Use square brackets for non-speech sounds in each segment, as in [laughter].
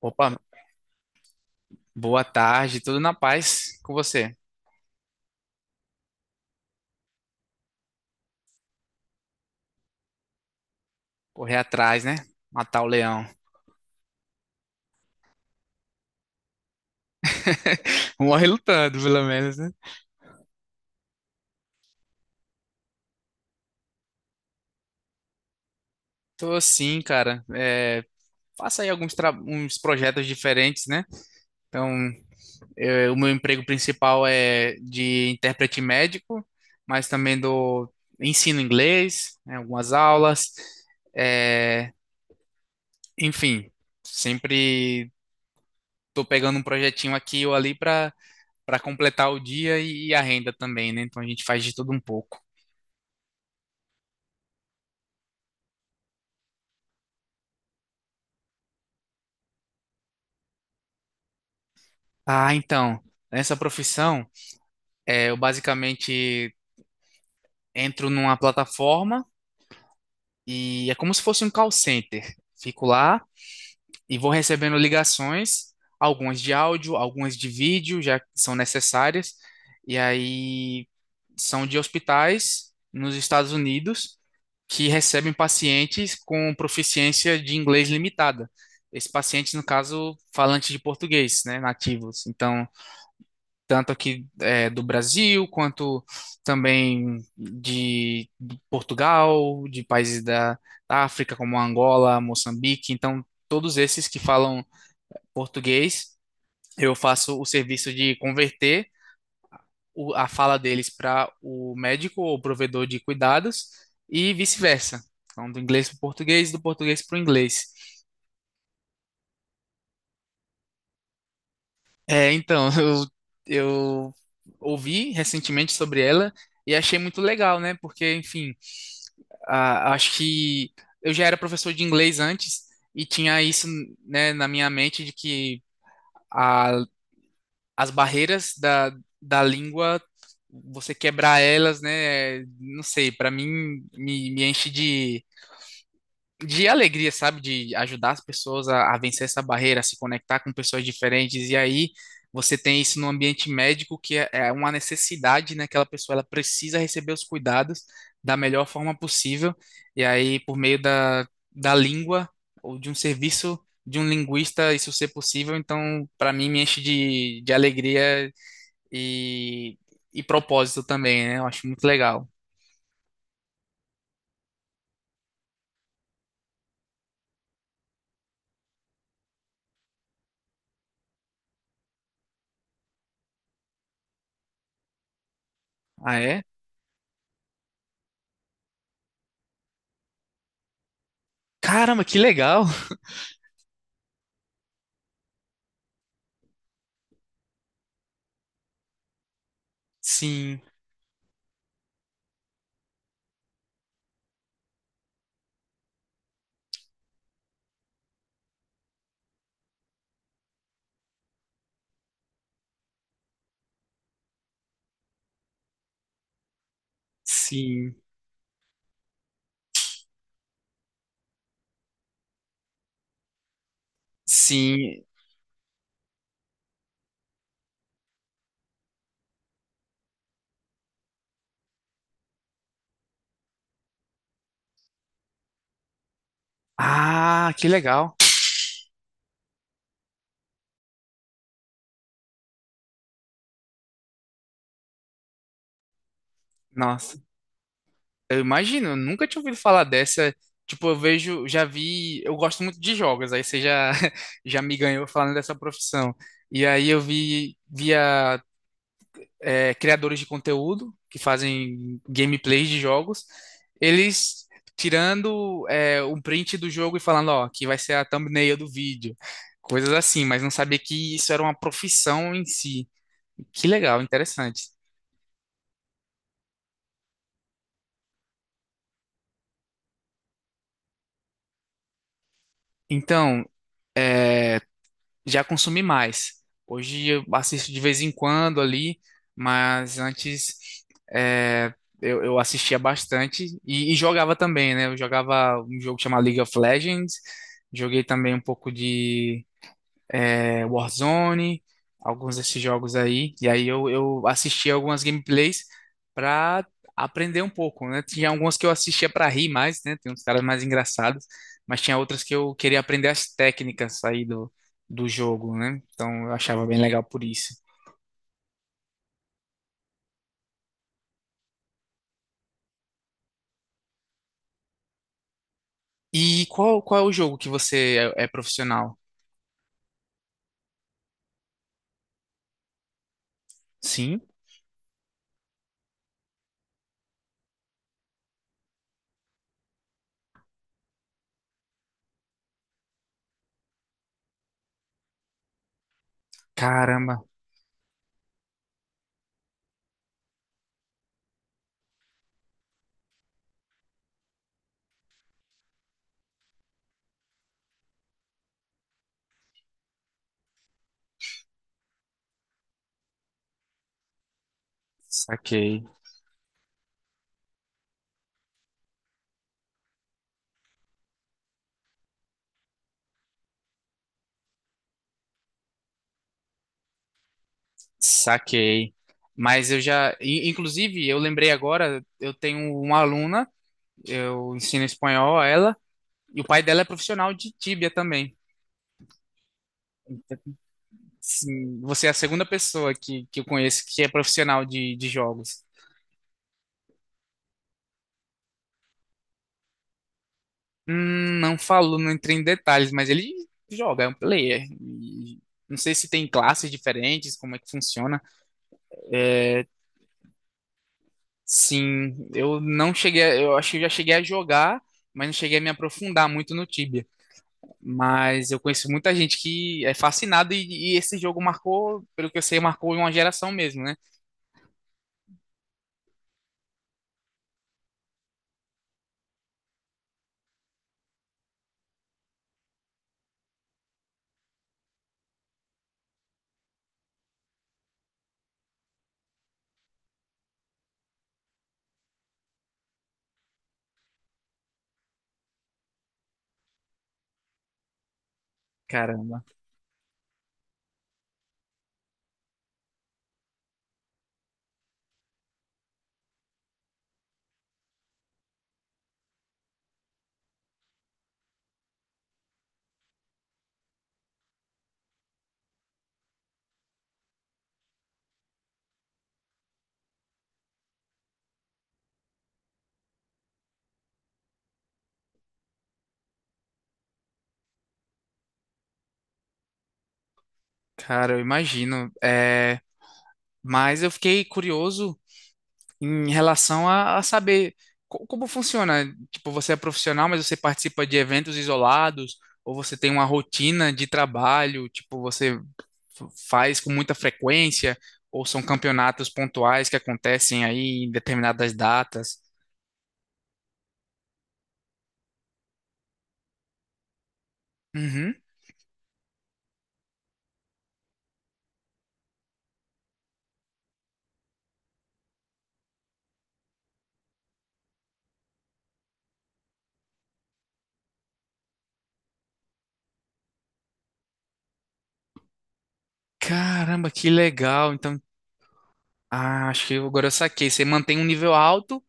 Opa, boa tarde, tudo na paz com você? Correr atrás, né? Matar o leão. [laughs] Morre lutando, pelo menos, né? Tô sim, cara. Faço aí uns projetos diferentes, né? Então, o meu emprego principal é de intérprete médico, mas também do ensino inglês, né, algumas aulas. É, enfim, sempre tô pegando um projetinho aqui ou ali para completar o dia e a renda também, né? Então a gente faz de tudo um pouco. Ah, então, nessa profissão, eu basicamente entro numa plataforma e é como se fosse um call center. Fico lá e vou recebendo ligações, algumas de áudio, algumas de vídeo, já que são necessárias, e aí são de hospitais nos Estados Unidos que recebem pacientes com proficiência de inglês limitada. Esses pacientes, no caso, falantes de português, né, nativos. Então, tanto aqui do Brasil, quanto também de Portugal, de países da, da África, como Angola, Moçambique. Então, todos esses que falam português, eu faço o serviço de converter a fala deles para o médico ou provedor de cuidados e vice-versa. Então, do inglês para o português, do português para o inglês. É, então, [laughs] eu ouvi recentemente sobre ela e achei muito legal, né? Porque, enfim, acho que eu já era professor de inglês antes e tinha isso, né, na minha mente de que a as barreiras da, da língua, você quebrar elas, né? Não sei, para mim me enche de alegria, sabe? De ajudar as pessoas a vencer essa barreira, a se conectar com pessoas diferentes. E aí você tem isso no ambiente médico, que é uma necessidade, né? Aquela pessoa ela precisa receber os cuidados da melhor forma possível. E aí, por meio da, da língua ou de um serviço de um linguista, isso ser possível, então, para mim, me enche de alegria e, e propósito também, né? Eu acho muito legal. Ah, é? Caramba, que legal! Sim, sim, sim. Ah, que legal! Nossa, eu imagino, eu nunca tinha ouvido falar dessa. Tipo, eu vejo, já vi, eu gosto muito de jogos, aí você já, [laughs] já me ganhou falando dessa profissão. E aí eu vi, via criadores de conteúdo que fazem gameplays de jogos, eles tirando um print do jogo e falando, ó, aqui vai ser a thumbnail do vídeo, coisas assim, mas não sabia que isso era uma profissão em si. Que legal, interessante. Então, é, já consumi mais. Hoje eu assisto de vez em quando ali, mas antes é, eu assistia bastante e jogava também, né? Eu jogava um jogo chamado League of Legends, joguei também um pouco de Warzone, alguns desses jogos aí. E aí eu assisti algumas gameplays pra aprender um pouco, né? Tinha algumas que eu assistia pra rir mais, né? Tem uns caras mais engraçados, mas tinha outras que eu queria aprender as técnicas aí do, do jogo, né? Então eu achava bem legal por isso. E qual, qual é o jogo que você é profissional? Sim? Caramba, saquei, saquei. Mas eu já, inclusive, eu lembrei agora, eu tenho uma aluna. Eu ensino espanhol a ela. E o pai dela é profissional de tíbia também. Assim, você é a segunda pessoa que eu conheço que é profissional de jogos. Não falo, não entrei em detalhes, mas ele joga, é um player. E não sei se tem classes diferentes, como é que funciona. É, sim, eu não cheguei, eu acho que eu já cheguei a jogar, mas não cheguei a me aprofundar muito no Tibia. Mas eu conheço muita gente que é fascinada e esse jogo marcou, pelo que eu sei, marcou uma geração mesmo, né? Caramba, cara, eu imagino. É, mas eu fiquei curioso em relação a saber como funciona. Tipo, você é profissional, mas você participa de eventos isolados, ou você tem uma rotina de trabalho, tipo, você faz com muita frequência, ou são campeonatos pontuais que acontecem aí em determinadas datas. Uhum. Caramba, que legal. Então, ah, acho que agora eu saquei. Você mantém um nível alto.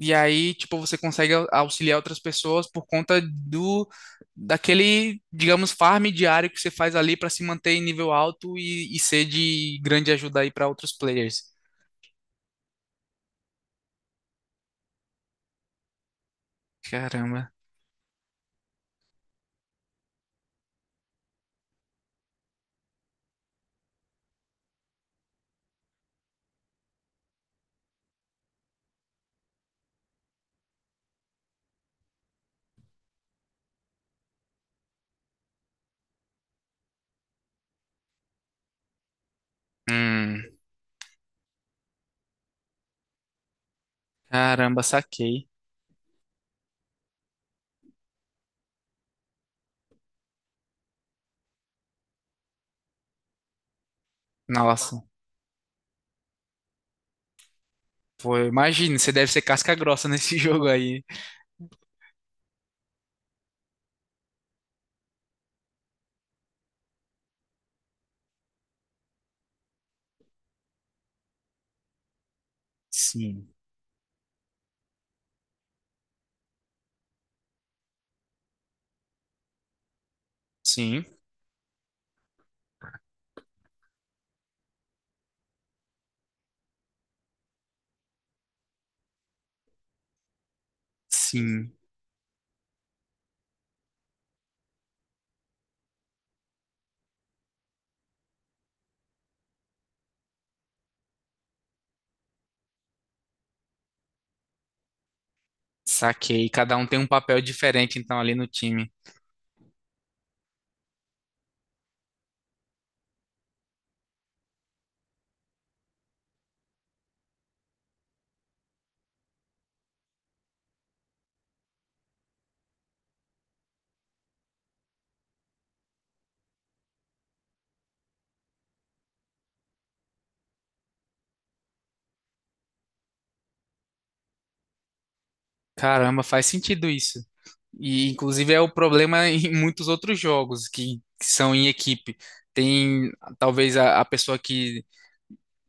E aí, tipo, você consegue auxiliar outras pessoas por conta do digamos, farm diário que você faz ali para se manter em nível alto e ser de grande ajuda aí para outros players. Caramba. Hum, caramba, saquei. Nossa, pô, imagina, você deve ser casca grossa nesse [laughs] jogo aí. Sim, sim, sim. Saquei. Cada um tem um papel diferente, então, ali no time. Caramba, faz sentido isso. E inclusive é o problema [laughs] em muitos outros jogos que são em equipe. Tem talvez a pessoa que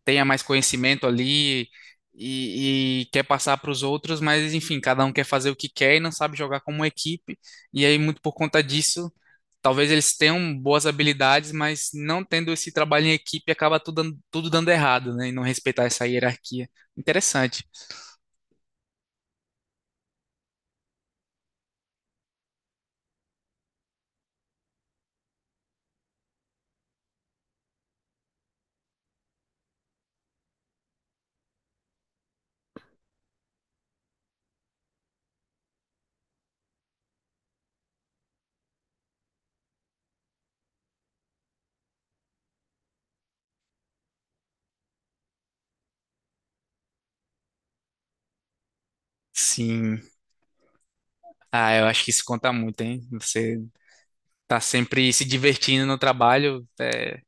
tenha mais conhecimento ali e quer passar para os outros, mas enfim, cada um quer fazer o que quer e não sabe jogar como equipe. E aí, muito por conta disso, talvez eles tenham boas habilidades, mas não tendo esse trabalho em equipe acaba tudo dando errado, né? E não respeitar essa hierarquia. Interessante. Sim. Ah, eu acho que isso conta muito, hein? Você tá sempre se divertindo no trabalho,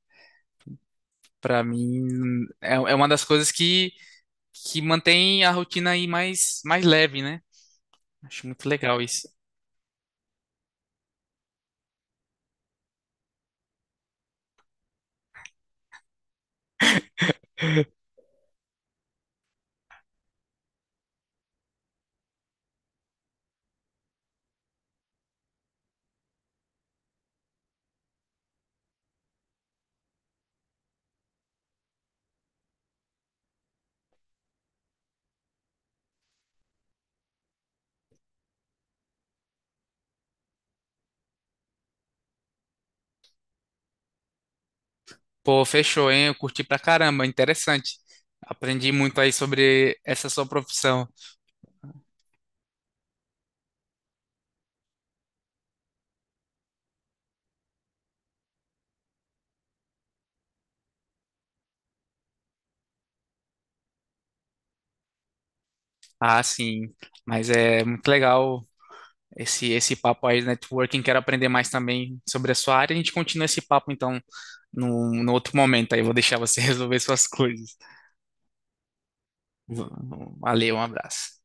para mim é uma das coisas que mantém a rotina aí mais, mais leve, né? Acho muito legal isso. Pô, fechou, hein? Eu curti pra caramba, interessante. Aprendi muito aí sobre essa sua profissão. Ah, sim, mas é muito legal esse, esse papo aí de networking. Quero aprender mais também sobre a sua área. A gente continua esse papo, então, no outro momento aí. Eu vou deixar você [laughs] resolver suas coisas. Valeu, um abraço.